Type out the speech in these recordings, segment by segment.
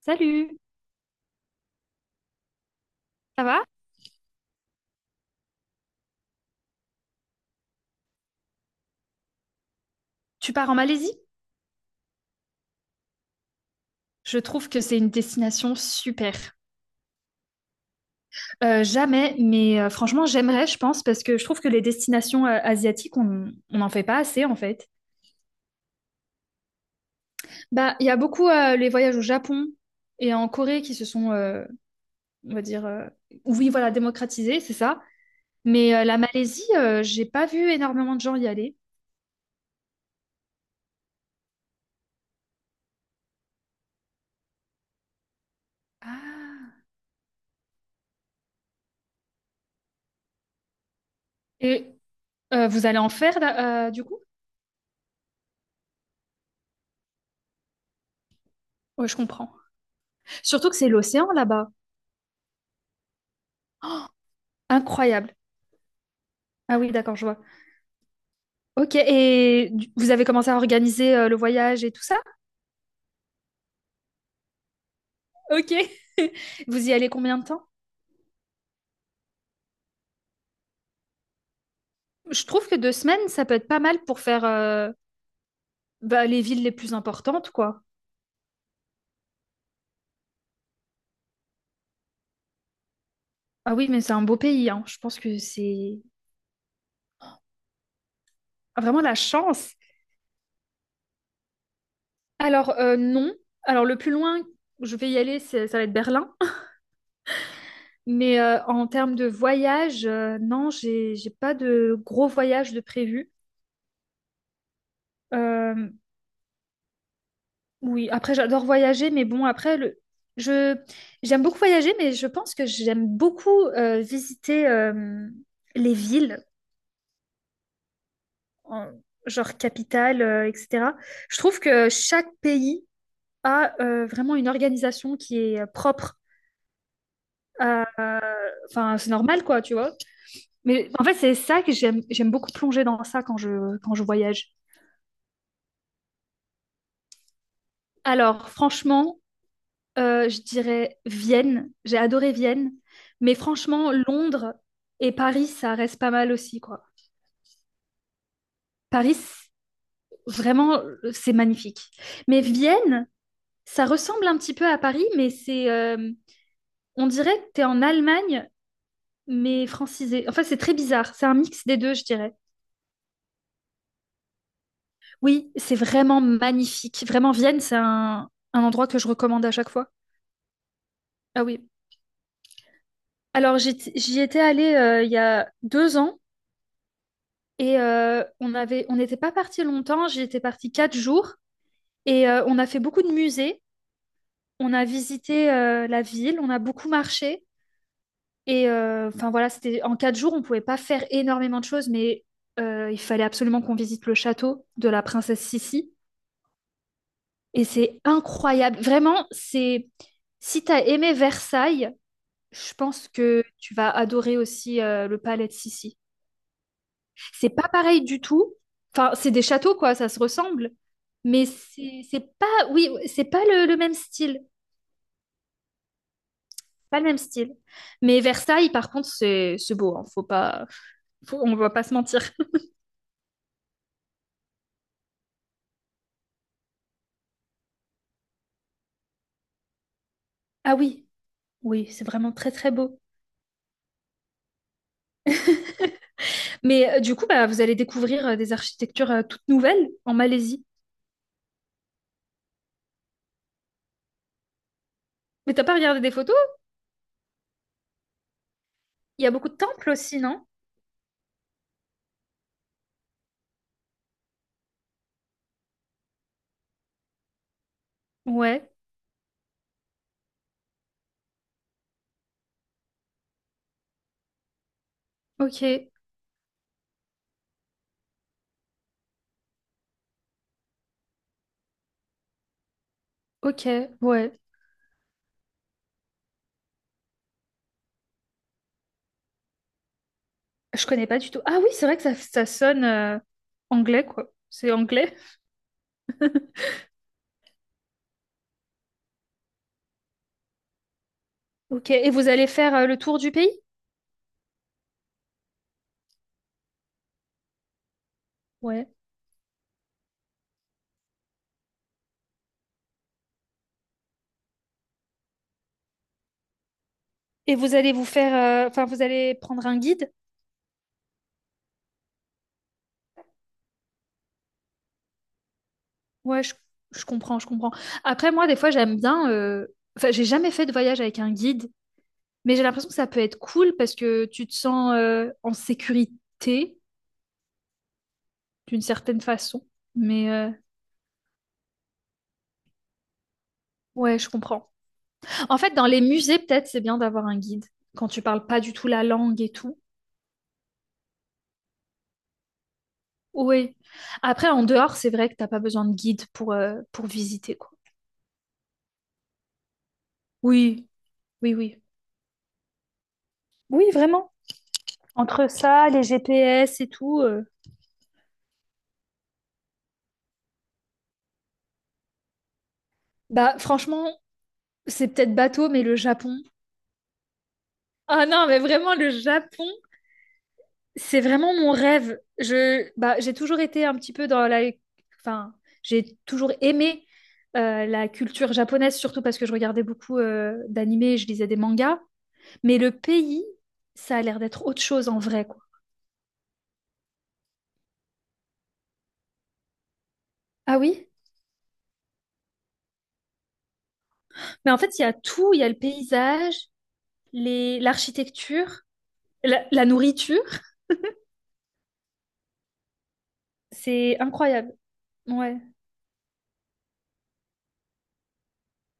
Salut, ça va? Tu pars en Malaisie? Je trouve que c'est une destination super. Jamais, mais franchement, j'aimerais, je pense, parce que je trouve que les destinations asiatiques, on n'en fait pas assez, en fait. Bah, il y a beaucoup les voyages au Japon et en Corée qui se sont, on va dire, oui, voilà, démocratisés, c'est ça. Mais la Malaisie, j'ai pas vu énormément de gens y aller. Ah. Et vous allez en faire, là, du coup? Ouais, je comprends. Surtout que c'est l'océan là-bas. Incroyable. Ah oui, d'accord, je vois. Ok, et vous avez commencé à organiser le voyage et tout ça? Ok. Vous y allez combien de temps? Je trouve que deux semaines, ça peut être pas mal pour faire bah, les villes les plus importantes, quoi. Ah oui, mais c'est un beau pays, hein. Je pense que c'est vraiment la chance. Alors, non. Alors, le plus loin, je vais y aller, ça va être Berlin. Mais en termes de voyage, non, j'ai pas de gros voyage de prévu. Euh, Oui, après j'adore voyager, mais bon, après le je j'aime beaucoup voyager, mais je pense que j'aime beaucoup visiter les villes, en- genre capitale, etc. Je trouve que chaque pays a vraiment une organisation qui est propre à à- enfin c'est normal quoi, tu vois. Mais en fait c'est ça que j'aime beaucoup plonger dans ça quand je voyage. Alors franchement, je dirais Vienne. J'ai adoré Vienne. Mais franchement, Londres et Paris, ça reste pas mal aussi, quoi. Paris, vraiment, c'est magnifique. Mais Vienne, ça ressemble un petit peu à Paris, mais on dirait que t'es en Allemagne, mais francisé. Enfin, c'est très bizarre. C'est un mix des deux, je dirais. Oui, c'est vraiment magnifique. Vraiment, Vienne, c'est un endroit que je recommande à chaque fois. Ah oui. Alors, j'y étais allée il y a deux ans. Et on n'était pas parti longtemps, j'étais partie quatre jours et on a fait beaucoup de musées, on a visité la ville, on a beaucoup marché et enfin voilà, c'était en quatre jours, on pouvait pas faire énormément de choses, mais il fallait absolument qu'on visite le château de la princesse Sissi et c'est incroyable, vraiment, c'est si t'as aimé Versailles, je pense que tu vas adorer aussi le palais de Sissi. C'est pas pareil du tout. Enfin, c'est des châteaux, quoi, ça se ressemble. Mais c'est pas, oui, c'est pas le même style. Pas le même style. Mais Versailles, par contre, c'est beau, hein. Faut pas, on va pas se mentir. Ah oui, oui, c'est vraiment très très beau. Mais du coup, bah, vous allez découvrir des architectures toutes nouvelles en Malaisie. Mais t'as pas regardé des photos? Il y a beaucoup de temples aussi, non? Ouais. Ok. Ok. Ouais. Je connais pas du tout. Ah oui, c'est vrai que ça sonne anglais, quoi. C'est anglais. Ok, et vous allez faire le tour du pays? Ouais. Et vous allez vous faire, enfin, vous allez prendre un guide? Ouais, je comprends, je comprends. Après, moi, des fois, j'aime bien. Enfin, j'ai jamais fait de voyage avec un guide, mais j'ai l'impression que ça peut être cool parce que tu te sens en sécurité d'une certaine façon. Mais ouais, je comprends. En fait, dans les musées, peut-être, c'est bien d'avoir un guide quand tu parles pas du tout la langue et tout. Oui. Après, en dehors, c'est vrai que t'as pas besoin de guide pour visiter, quoi. Oui, oui, oui. Oui, vraiment. Entre ça, les GPS et tout, bah, franchement, c'est peut-être bateau, mais le Japon. Ah non, mais vraiment, le Japon, c'est vraiment mon rêve. Bah, j'ai toujours été un petit peu dans la. Enfin, j'ai toujours aimé la culture japonaise, surtout parce que je regardais beaucoup d'animés et je lisais des mangas. Mais le pays, ça a l'air d'être autre chose en vrai, quoi. Ah oui? Mais en fait, il y a tout. Il y a le paysage, l'architecture, la nourriture. C'est incroyable. Ouais.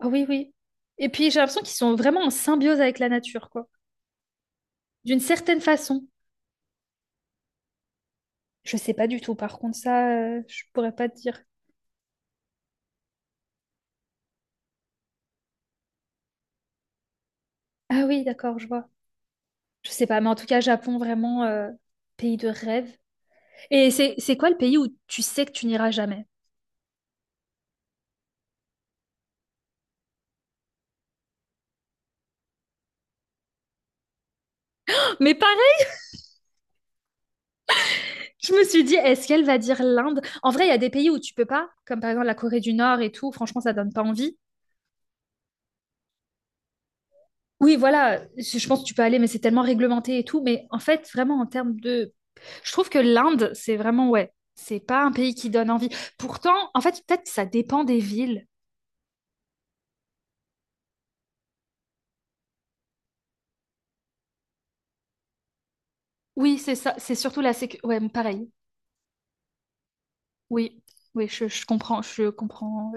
Ah oui, oui. Et puis j'ai l'impression qu'ils sont vraiment en symbiose avec la nature, quoi. D'une certaine façon. Je sais pas du tout, par contre, ça, je pourrais pas te dire. Ah oui, d'accord, je vois. Je sais pas, mais en tout cas, Japon, vraiment, pays de rêve. Et c'est quoi le pays où tu sais que tu n'iras jamais? Oh, mais pareil, je me suis dit, est-ce qu'elle va dire l'Inde? En vrai, il y a des pays où tu peux pas, comme par exemple la Corée du Nord et tout, franchement, ça donne pas envie. Oui, voilà, je pense que tu peux aller, mais c'est tellement réglementé et tout. Mais en fait, vraiment, en termes de. Je trouve que l'Inde, c'est vraiment, ouais, c'est pas un pays qui donne envie. Pourtant, en fait, peut-être que ça dépend des villes. Oui, c'est ça, c'est surtout la sécurité. Ouais, pareil. Oui, oui, je comprends, je comprends.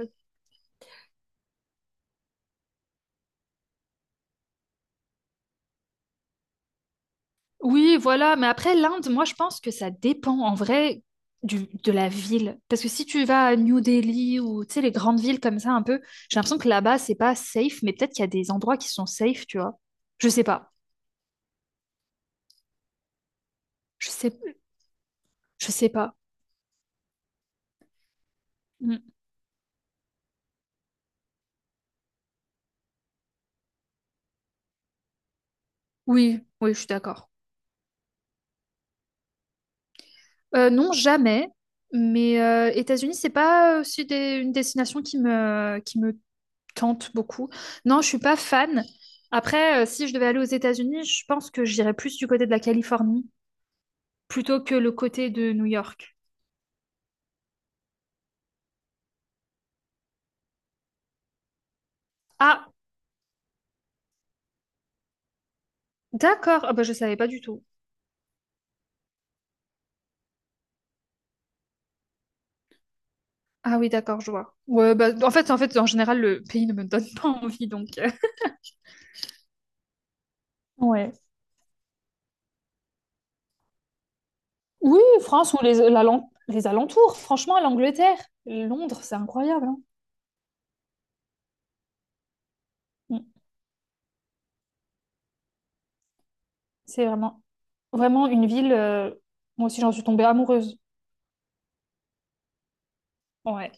Oui, voilà, mais après, l'Inde, moi, je pense que ça dépend, en vrai, de la ville. Parce que si tu vas à New Delhi ou, tu sais, les grandes villes comme ça, un peu, j'ai l'impression que là-bas, c'est pas safe, mais peut-être qu'il y a des endroits qui sont safe, tu vois. Je sais pas. Je sais, je sais pas. Mm. Oui, oui, je suis d'accord. Non, jamais. Mais États-Unis, c'est pas aussi une destination qui me tente beaucoup. Non, je suis pas fan. Après, si je devais aller aux États-Unis, je pense que j'irais plus du côté de la Californie plutôt que le côté de New York. Ah, d'accord. Ah bah je savais pas du tout. Ah oui, d'accord, je vois. Ouais, bah, en fait, en général, le pays ne me donne pas envie, donc. Ouais. Oui, France ou les alentours, franchement, l'Angleterre, Londres, c'est incroyable, hein. Mm. C'est vraiment, vraiment une ville. Moi aussi, j'en suis tombée amoureuse. Ouais.